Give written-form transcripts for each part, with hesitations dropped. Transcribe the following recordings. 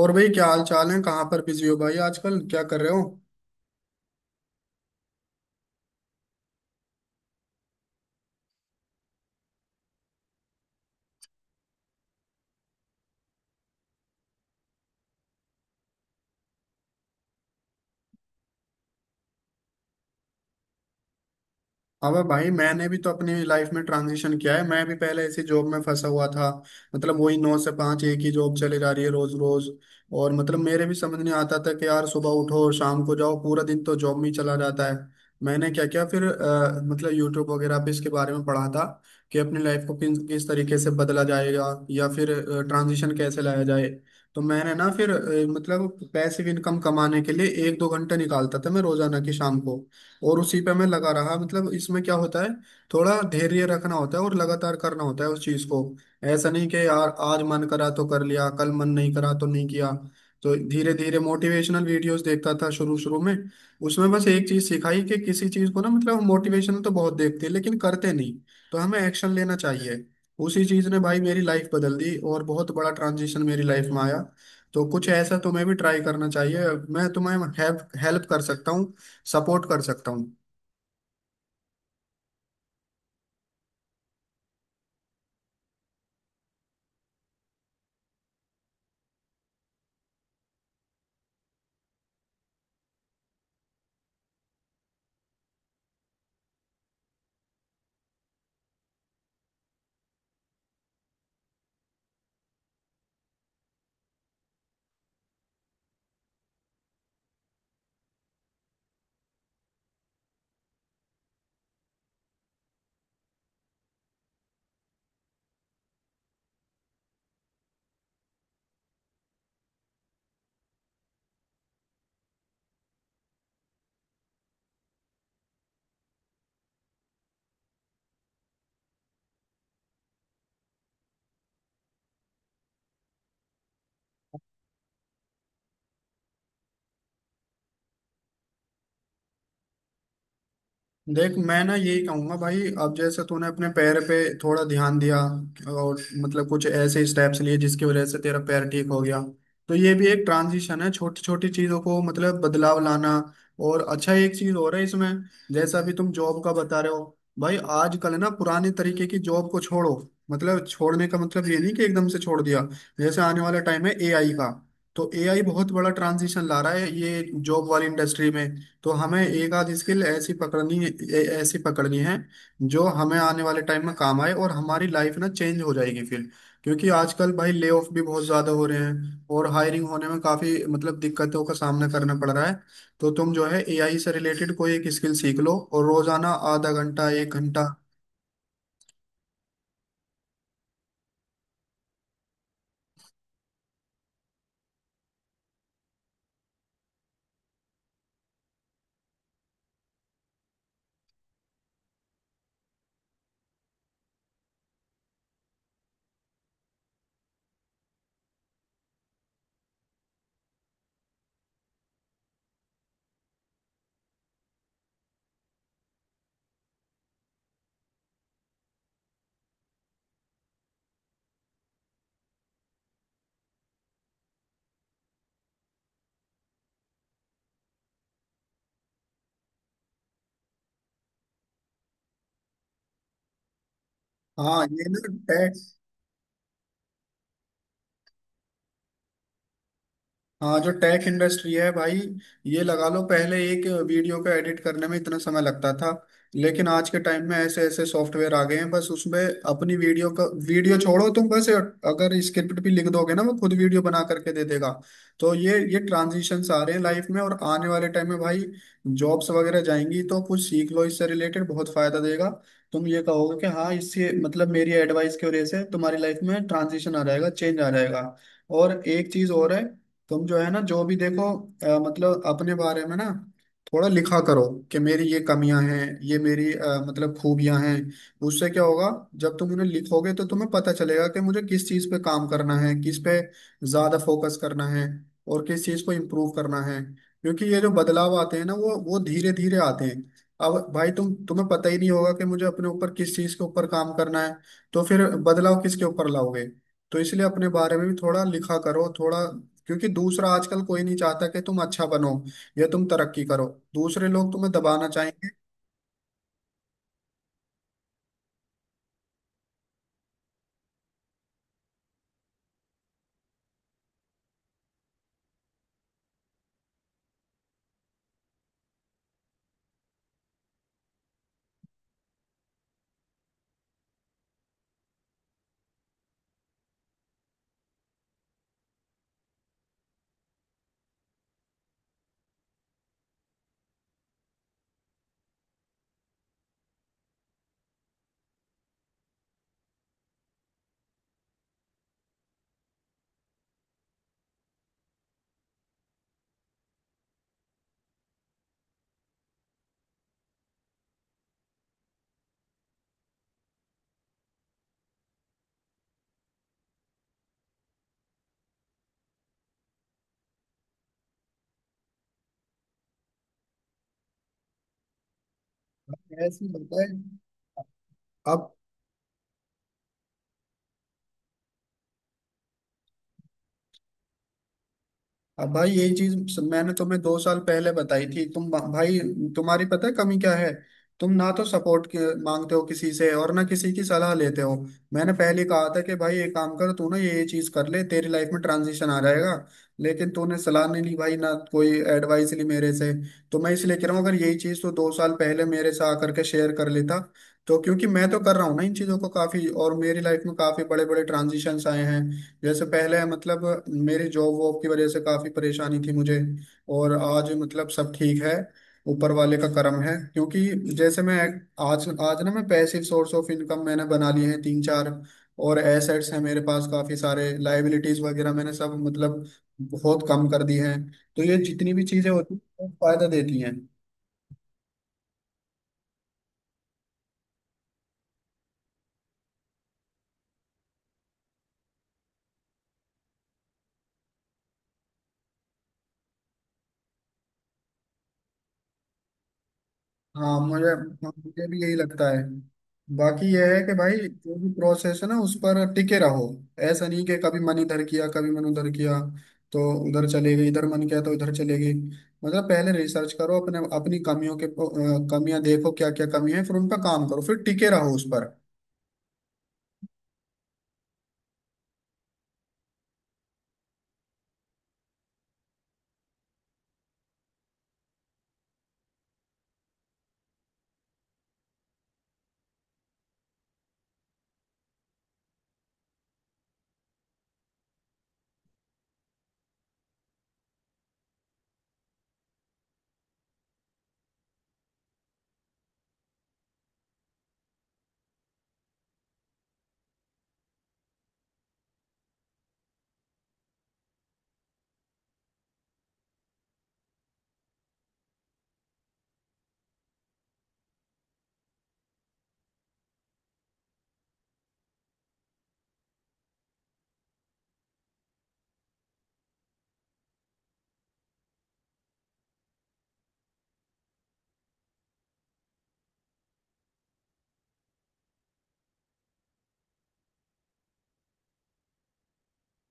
और भाई, क्या हाल चाल है? कहाँ पर बिजी हो भाई आजकल? क्या कर रहे हो? अबे भाई, मैंने भी तो अपनी लाइफ में ट्रांजिशन किया है। मैं भी पहले ऐसी जॉब में फंसा हुआ था। मतलब वही 9 से 5, एक ही जॉब चली जा रही है रोज रोज। और मतलब मेरे भी समझ नहीं आता था कि यार सुबह उठो और शाम को जाओ, पूरा दिन तो जॉब में ही चला जाता है। मैंने क्या किया फिर, मतलब यूट्यूब वगैरह पे इसके बारे में पढ़ा था कि अपनी लाइफ को किस किस तरीके से बदला जाएगा या फिर ट्रांजिशन कैसे लाया जाए। तो मैंने ना फिर, मतलब पैसिव इनकम कमाने के लिए एक दो घंटे निकालता था मैं रोजाना की शाम को। और उसी पे मैं लगा रहा। मतलब इसमें क्या होता है, थोड़ा धैर्य रखना होता है और लगातार करना होता है उस चीज को। ऐसा नहीं कि यार आज मन करा तो कर लिया, कल मन नहीं करा तो नहीं किया। तो धीरे धीरे मोटिवेशनल वीडियोस देखता था शुरू शुरू में। उसमें बस एक चीज सिखाई कि किसी चीज को ना, मतलब मोटिवेशन तो बहुत देखते हैं लेकिन करते नहीं। तो हमें एक्शन लेना चाहिए। उसी चीज ने भाई मेरी लाइफ बदल दी और बहुत बड़ा ट्रांजिशन मेरी लाइफ में आया। तो कुछ ऐसा तुम्हें भी ट्राई करना चाहिए। मैं तुम्हें हेल्प हेल्प कर सकता हूँ, सपोर्ट कर सकता हूँ। देख, मैं ना यही कहूंगा भाई, अब जैसे तूने अपने पैर पे थोड़ा ध्यान दिया और मतलब कुछ ऐसे स्टेप्स लिए जिसकी वजह से तेरा पैर ठीक हो गया। तो ये भी एक ट्रांजिशन है, छोटी छोटी चीजों को मतलब बदलाव लाना। और अच्छा एक चीज हो रहा है इसमें, जैसा अभी तुम जॉब का बता रहे हो भाई, आजकल ना पुराने तरीके की जॉब को छोड़ो। मतलब छोड़ने का मतलब ये नहीं कि एकदम से छोड़ दिया। जैसे आने वाला टाइम है एआई का। तो एआई बहुत बड़ा ट्रांजिशन ला रहा है ये जॉब वाली इंडस्ट्री में। तो हमें एक आध स्किल ऐसी पकड़नी है, ऐसी पकड़नी है, जो हमें आने वाले टाइम में काम आए और हमारी लाइफ ना चेंज हो जाएगी फिर। क्योंकि आजकल भाई ले ऑफ भी बहुत ज्यादा हो रहे हैं और हायरिंग होने में काफी मतलब दिक्कतों का सामना करना पड़ रहा है। तो तुम जो है एआई से रिलेटेड कोई एक स्किल सीख लो, और रोजाना आधा घंटा एक घंटा। हाँ। ये ना, हाँ जो टेक इंडस्ट्री है भाई, ये लगा लो पहले एक वीडियो को एडिट करने में इतना समय लगता था, लेकिन आज के टाइम में ऐसे ऐसे सॉफ्टवेयर आ गए हैं, बस उसमें अपनी वीडियो का वीडियो छोड़ो, तुम बस अगर स्क्रिप्ट भी लिख दोगे ना, वो खुद वीडियो बना करके दे देगा। तो ये ट्रांजिशंस आ रहे हैं लाइफ में, और आने वाले टाइम में भाई जॉब्स वगैरह जाएंगी, तो कुछ सीख लो इससे रिलेटेड, बहुत फायदा देगा। तुम ये कहोगे कि हाँ इससे मतलब मेरी एडवाइस की वजह से तुम्हारी लाइफ में ट्रांजिशन आ जाएगा, चेंज आ जाएगा। और एक चीज और है, तुम जो है ना, जो भी देखो मतलब अपने बारे में ना थोड़ा लिखा करो कि मेरी ये कमियां हैं, ये मेरी मतलब खूबियां हैं। उससे क्या होगा, जब तुम उन्हें लिखोगे तो तुम्हें पता चलेगा कि मुझे किस चीज पे काम करना है, किस पे ज्यादा फोकस करना है और किस चीज को इम्प्रूव करना है। क्योंकि ये जो बदलाव आते हैं ना, वो धीरे धीरे आते हैं। अब भाई, तुम्हें पता ही नहीं होगा कि मुझे अपने ऊपर किस चीज के ऊपर काम करना है। तो फिर बदलाव किसके ऊपर लाओगे? तो इसलिए अपने बारे में भी थोड़ा लिखा करो थोड़ा। क्योंकि दूसरा आजकल कोई नहीं चाहता कि तुम अच्छा बनो या तुम तरक्की करो, दूसरे लोग तुम्हें दबाना चाहेंगे। ऐसी बात है। अब। अब भाई यही चीज मैंने तुम्हें 2 साल पहले बताई थी तुम भाई। तुम्हारी पता है कमी क्या है? तुम ना तो सपोर्ट मांगते हो किसी से और ना किसी की सलाह लेते हो। मैंने पहले कहा था कि भाई ये काम कर, तू ना ये चीज कर ले, तेरी लाइफ में ट्रांजिशन आ जाएगा। लेकिन तूने सलाह नहीं ली भाई, ना कोई एडवाइस ली मेरे से। तो मैं इसलिए कह रहा हूँ, अगर यही चीज तो 2 साल पहले मेरे से आकर के शेयर कर लेता, तो क्योंकि मैं तो कर रहा हूँ ना इन चीजों को काफी, और मेरी लाइफ में काफी बड़े बड़े ट्रांजिशंस आए हैं। जैसे पहले मतलब मेरी जॉब वॉब की वजह से काफी परेशानी थी मुझे, और आज मतलब सब ठीक है, ऊपर वाले का करम है। क्योंकि जैसे मैं आज आज ना, मैं पैसिव सोर्स ऑफ इनकम मैंने बना लिए हैं तीन चार, और एसेट्स हैं मेरे पास काफी सारे, लाइबिलिटीज वगैरह मैंने सब मतलब बहुत कम कर दी हैं। तो ये जितनी भी चीजें होती हैं बहुत फायदा देती हैं। हाँ। मुझे, भी यही लगता है। बाकी यह है कि भाई जो भी प्रोसेस है ना उस पर टिके रहो। ऐसा नहीं कि कभी मन इधर किया कभी मन उधर किया, तो उधर चले गई, इधर मन किया तो इधर चले गई। मतलब पहले रिसर्च करो अपने, अपनी कमियों के, कमियां देखो क्या क्या कमी है, फिर उन पर काम करो, फिर टिके रहो उस पर।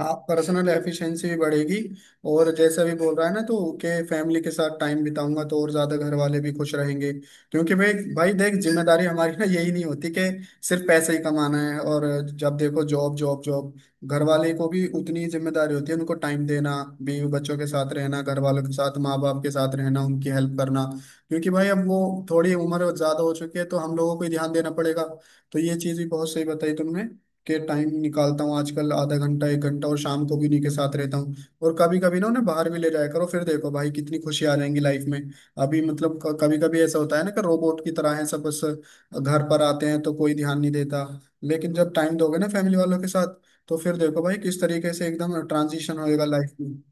हाँ, पर्सनल एफिशिएंसी भी बढ़ेगी। और जैसा भी बोल रहा है ना तो के फैमिली के साथ टाइम बिताऊंगा, तो और ज्यादा घर वाले भी खुश रहेंगे। क्योंकि भाई भाई देख, जिम्मेदारी हमारी ना यही नहीं होती कि सिर्फ पैसे ही कमाना है और जब देखो जॉब जॉब जॉब। घर वाले को भी उतनी ही जिम्मेदारी होती है, उनको टाइम देना, बीवी बच्चों के साथ रहना, घर वालों के साथ माँ बाप के साथ रहना, उनकी हेल्प करना। क्योंकि भाई अब वो थोड़ी उम्र ज्यादा हो चुकी है, तो हम लोगों को ही ध्यान देना पड़ेगा। तो ये चीज़ भी बहुत सही बताई तुमने। के टाइम निकालता हूँ आजकल आधा घंटा एक घंटा, और शाम को भी उन्हीं के साथ रहता हूँ। और कभी कभी ना उन्हें बाहर भी ले जाया करो, फिर देखो भाई कितनी खुशी आ जाएंगी लाइफ में। अभी मतलब कभी कभी ऐसा होता है ना, कि रोबोट की तरह है सब, बस घर पर आते हैं तो कोई ध्यान नहीं देता। लेकिन जब टाइम दोगे ना फैमिली वालों के साथ, तो फिर देखो भाई किस तरीके से एकदम ट्रांजिशन होएगा लाइफ में।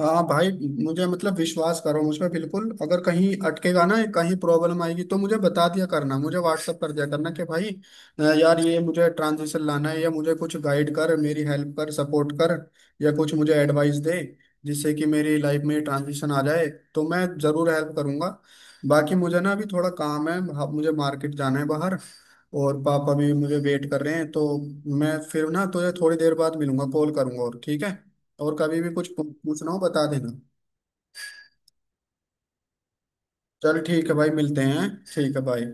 हाँ भाई, मुझे मतलब विश्वास करो मुझ पे बिल्कुल। अगर कहीं अटकेगा ना, कहीं प्रॉब्लम आएगी तो मुझे बता दिया करना, मुझे व्हाट्सअप कर दिया करना कि भाई यार ये मुझे ट्रांजिशन लाना है, या मुझे कुछ गाइड कर, मेरी हेल्प कर, सपोर्ट कर, या कुछ मुझे एडवाइस दे जिससे कि मेरी लाइफ में ट्रांजिशन आ जाए, तो मैं ज़रूर हेल्प करूंगा। बाकी मुझे ना अभी थोड़ा काम है। हाँ, मुझे मार्केट जाना है बाहर, और पापा भी मुझे वेट कर रहे हैं। तो मैं फिर ना तुझे थोड़ी देर बाद मिलूंगा, कॉल करूंगा, और ठीक है। और कभी भी कुछ पूछना हो बता देना। चल ठीक है भाई, मिलते हैं, ठीक है भाई।